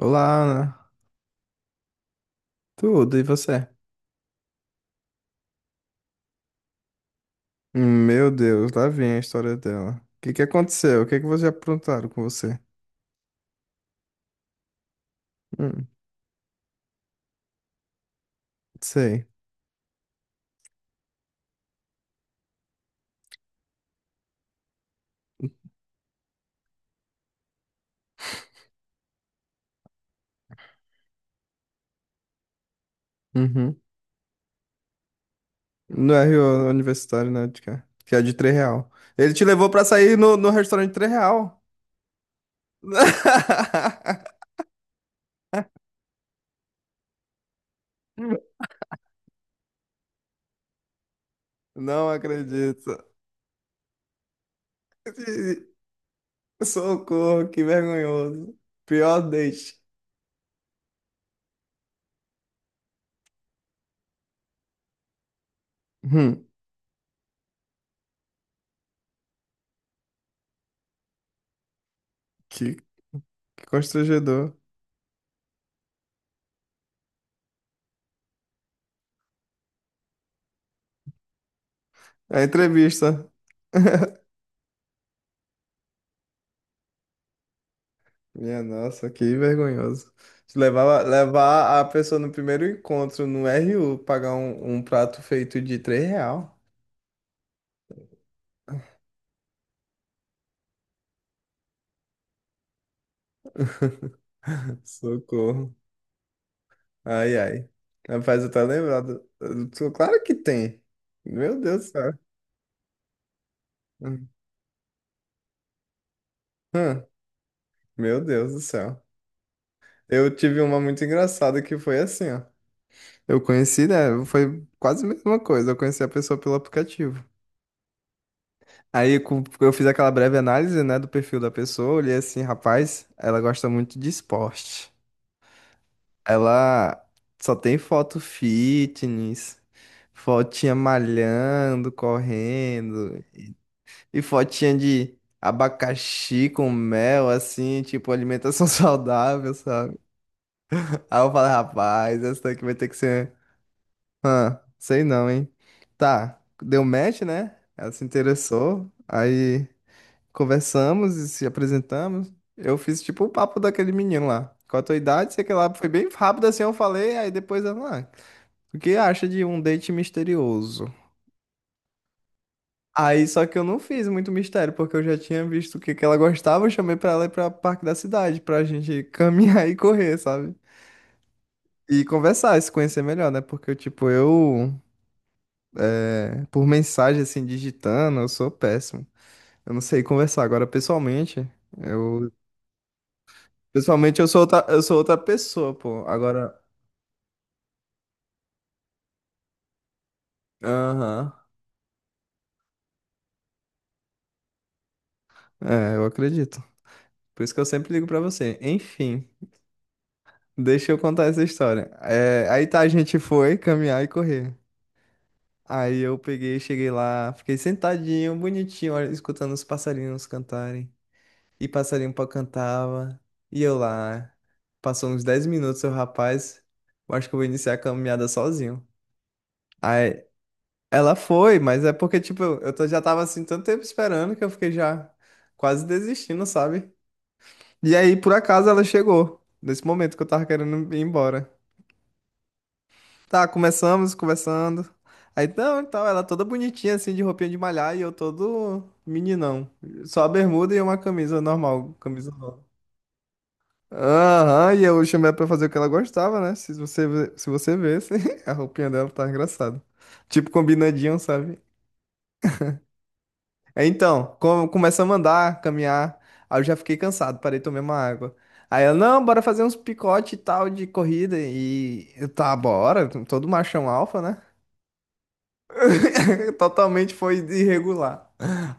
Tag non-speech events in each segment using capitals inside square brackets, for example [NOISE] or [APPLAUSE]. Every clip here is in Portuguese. Olá, Ana. Tudo, e você? Meu Deus, lá vem a história dela. O que que aconteceu? O que que vocês aprontaram com você? Hum, sei. Uhum. No RO Universitário, né, de cá, que é de 3 real. Ele te levou pra sair no restaurante de 3 real. [LAUGHS] Não acredito. Socorro, que vergonhoso. Pior date. Hum, que, que constrangedor. A entrevista. Minha nossa, que vergonhoso. Levar, levar a pessoa no primeiro encontro no RU, pagar um prato feito de 3 real. [LAUGHS] Socorro. Ai, ai. Rapaz, eu tô lembrado. Claro que tem. Meu Deus do céu. Hum. Hum. Meu Deus do céu. Eu tive uma muito engraçada que foi assim, ó. Eu conheci, né? Foi quase a mesma coisa. Eu conheci a pessoa pelo aplicativo. Aí eu fiz aquela breve análise, né, do perfil da pessoa, olhei assim, rapaz, ela gosta muito de esporte. Ela só tem foto fitness, fotinha malhando, correndo, e fotinha de abacaxi com mel, assim, tipo alimentação [LAUGHS] saudável, sabe? Aí eu falei, rapaz, essa daqui vai ter que ser, ah, sei não, hein? Tá, deu match, né? Ela se interessou, aí conversamos e se apresentamos. Eu fiz tipo o papo daquele menino lá. Qual a tua idade? Sei que lá foi bem rápido assim, eu falei, aí depois ela, ah, o que acha de um date misterioso? Aí só que eu não fiz muito mistério, porque eu já tinha visto o que que ela gostava, eu chamei pra ela ir pra Parque da Cidade, pra gente caminhar [LAUGHS] e correr, sabe? E conversar, se conhecer melhor, né? Porque, tipo, eu, é, por mensagem, assim, digitando, eu sou péssimo. Eu não sei conversar. Agora, pessoalmente, eu pessoalmente eu sou outra pessoa, pô. Agora, aham. É, eu acredito. Por isso que eu sempre ligo pra você. Enfim, deixa eu contar essa história. É, aí tá, a gente foi caminhar e correr. Aí eu peguei, cheguei lá, fiquei sentadinho, bonitinho, olha, escutando os passarinhos cantarem. E passarinho pó cantava. E eu lá. Passou uns 10 minutos, o rapaz. Eu acho que eu vou iniciar a caminhada sozinho. Aí, ela foi, mas é porque, tipo, eu tô, já tava assim tanto tempo esperando que eu fiquei já quase desistindo, sabe? E aí, por acaso, ela chegou. Nesse momento que eu tava querendo ir embora. Tá, começamos, conversando. Aí, então, ela toda bonitinha, assim, de roupinha de malhar, e eu todo meninão. Só a bermuda e uma camisa normal, camisa nova. Aham, e eu chamei ela pra fazer o que ela gostava, né? Se você vê, [LAUGHS] a roupinha dela tá engraçada. Tipo, combinadinho, sabe? Aí, então, começamos a andar, caminhar. Aí eu já fiquei cansado, parei de tomar uma água. Aí ela, não, bora fazer uns picote e tal de corrida. E eu, tá, bora. Todo machão alfa, né? [LAUGHS] Totalmente foi irregular.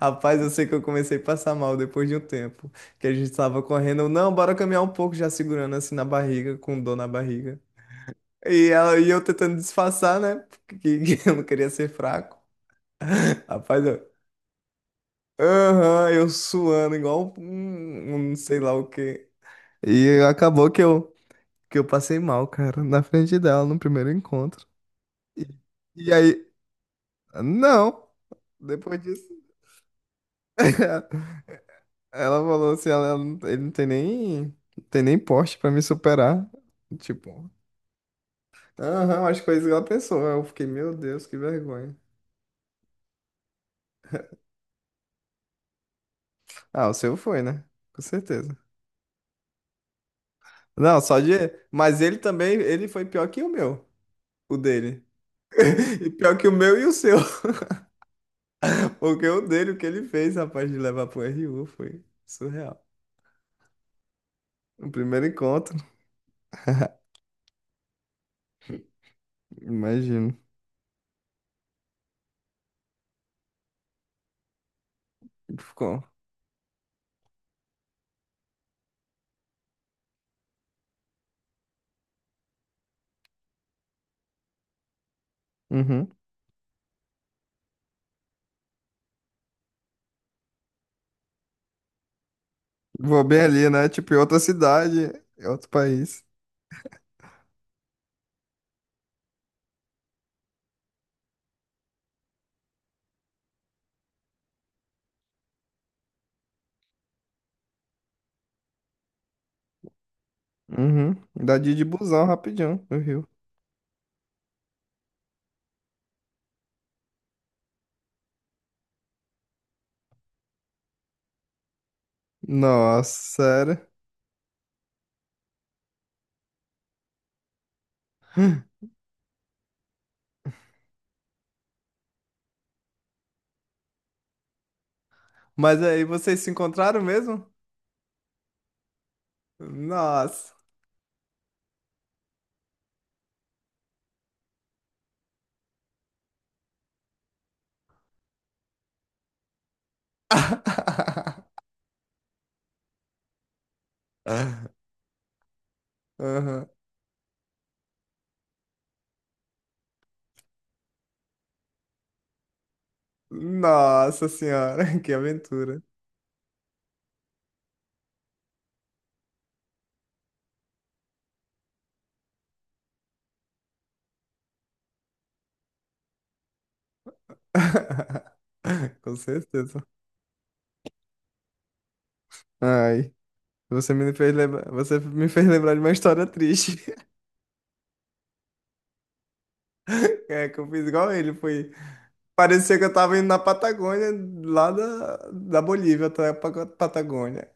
Rapaz, eu sei que eu comecei a passar mal depois de um tempo. Que a gente tava correndo. Não, bora caminhar um pouco, já segurando assim na barriga, com dor na barriga. E eu tentando disfarçar, né? Que [LAUGHS] eu não queria ser fraco. Rapaz, aham, eu suando igual um sei lá o quê. E acabou que eu, passei mal, cara, na frente dela, no primeiro encontro. E, e aí, não, depois disso, [LAUGHS] ela falou assim, ela, não- ele não tem nem porte pra me superar. Tipo, aham, as coisas que ela pensou. Eu fiquei, meu Deus, que vergonha. Ah, o seu foi, né? Com certeza. Não, só de. Mas ele também, ele foi pior que o meu, o dele. [LAUGHS] E pior que o meu e o seu. Porque o dele, o que ele fez, rapaz, de levar pro RU foi surreal. O primeiro encontro, imagino. Ficou. Uhum. Vou bem ali, né? Tipo, em outra cidade, em outro país. Uhum. Dá de ir de busão rapidinho no Rio. Nossa, sério. Mas aí, vocês se encontraram mesmo? Nossa. [LAUGHS] Uhum. Nossa senhora, [LAUGHS] que aventura. [LAUGHS] Com certeza. Ai. Você me fez lembrar, você me fez lembrar de uma história triste. [LAUGHS] É, que eu fiz igual ele, foi. Parecia que eu tava indo na Patagônia, lá da Bolívia até a Patagônia.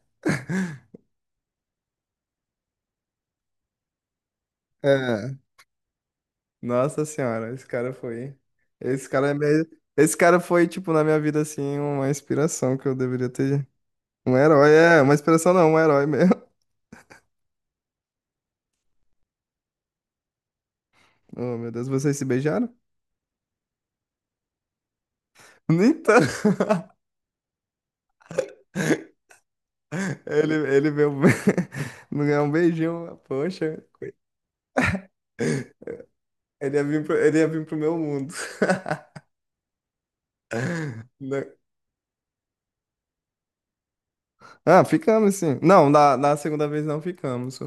É. Nossa senhora, esse cara foi. Esse cara é meio. Esse cara foi, tipo, na minha vida, assim, uma inspiração que eu deveria ter. Um herói, é, uma inspiração não, um herói mesmo. [LAUGHS] Oh, meu Deus, vocês se beijaram? Então. [LAUGHS] Ele veio. [LAUGHS] Não ganhou um beijinho, poxa. Ele ia vir pro meu mundo. [LAUGHS] Né? Ah, ficamos sim. Não, na da segunda vez não ficamos.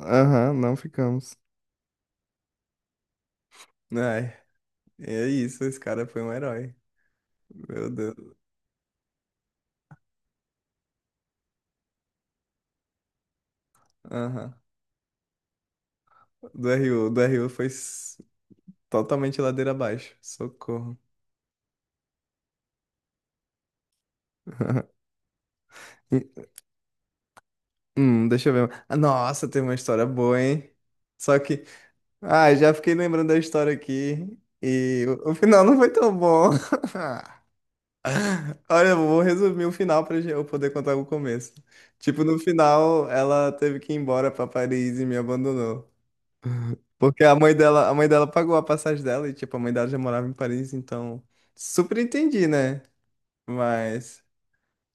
Aham, não ficamos. Ai, é isso, esse cara foi um herói. Meu Deus. Aham. Do RU foi totalmente ladeira abaixo. Socorro. E- Deixa eu ver. Ah, nossa, tem uma história boa, hein? Só que. Ah, já fiquei lembrando da história aqui. E o final não foi tão bom. [LAUGHS] [LAUGHS] Olha, eu vou resumir o final para eu poder contar o começo. Tipo, no final, ela teve que ir embora para Paris e me abandonou. Porque a mãe dela pagou a passagem dela e, tipo, a mãe dela já morava em Paris, então super entendi, né? Mas,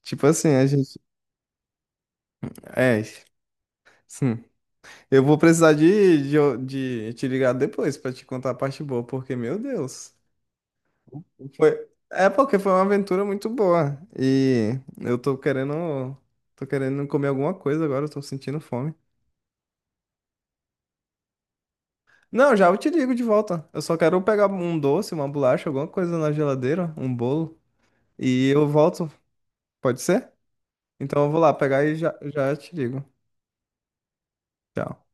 tipo assim, a gente. É, sim. Eu vou precisar de, de, de, te ligar depois para te contar a parte boa, porque, meu Deus. Foi. É porque foi uma aventura muito boa. E eu tô querendo. Tô querendo comer alguma coisa agora, eu tô sentindo fome. Não, já eu te ligo de volta. Eu só quero pegar um doce, uma bolacha, alguma coisa na geladeira, um bolo. E eu volto. Pode ser? Então eu vou lá pegar e já, já te ligo. Tchau.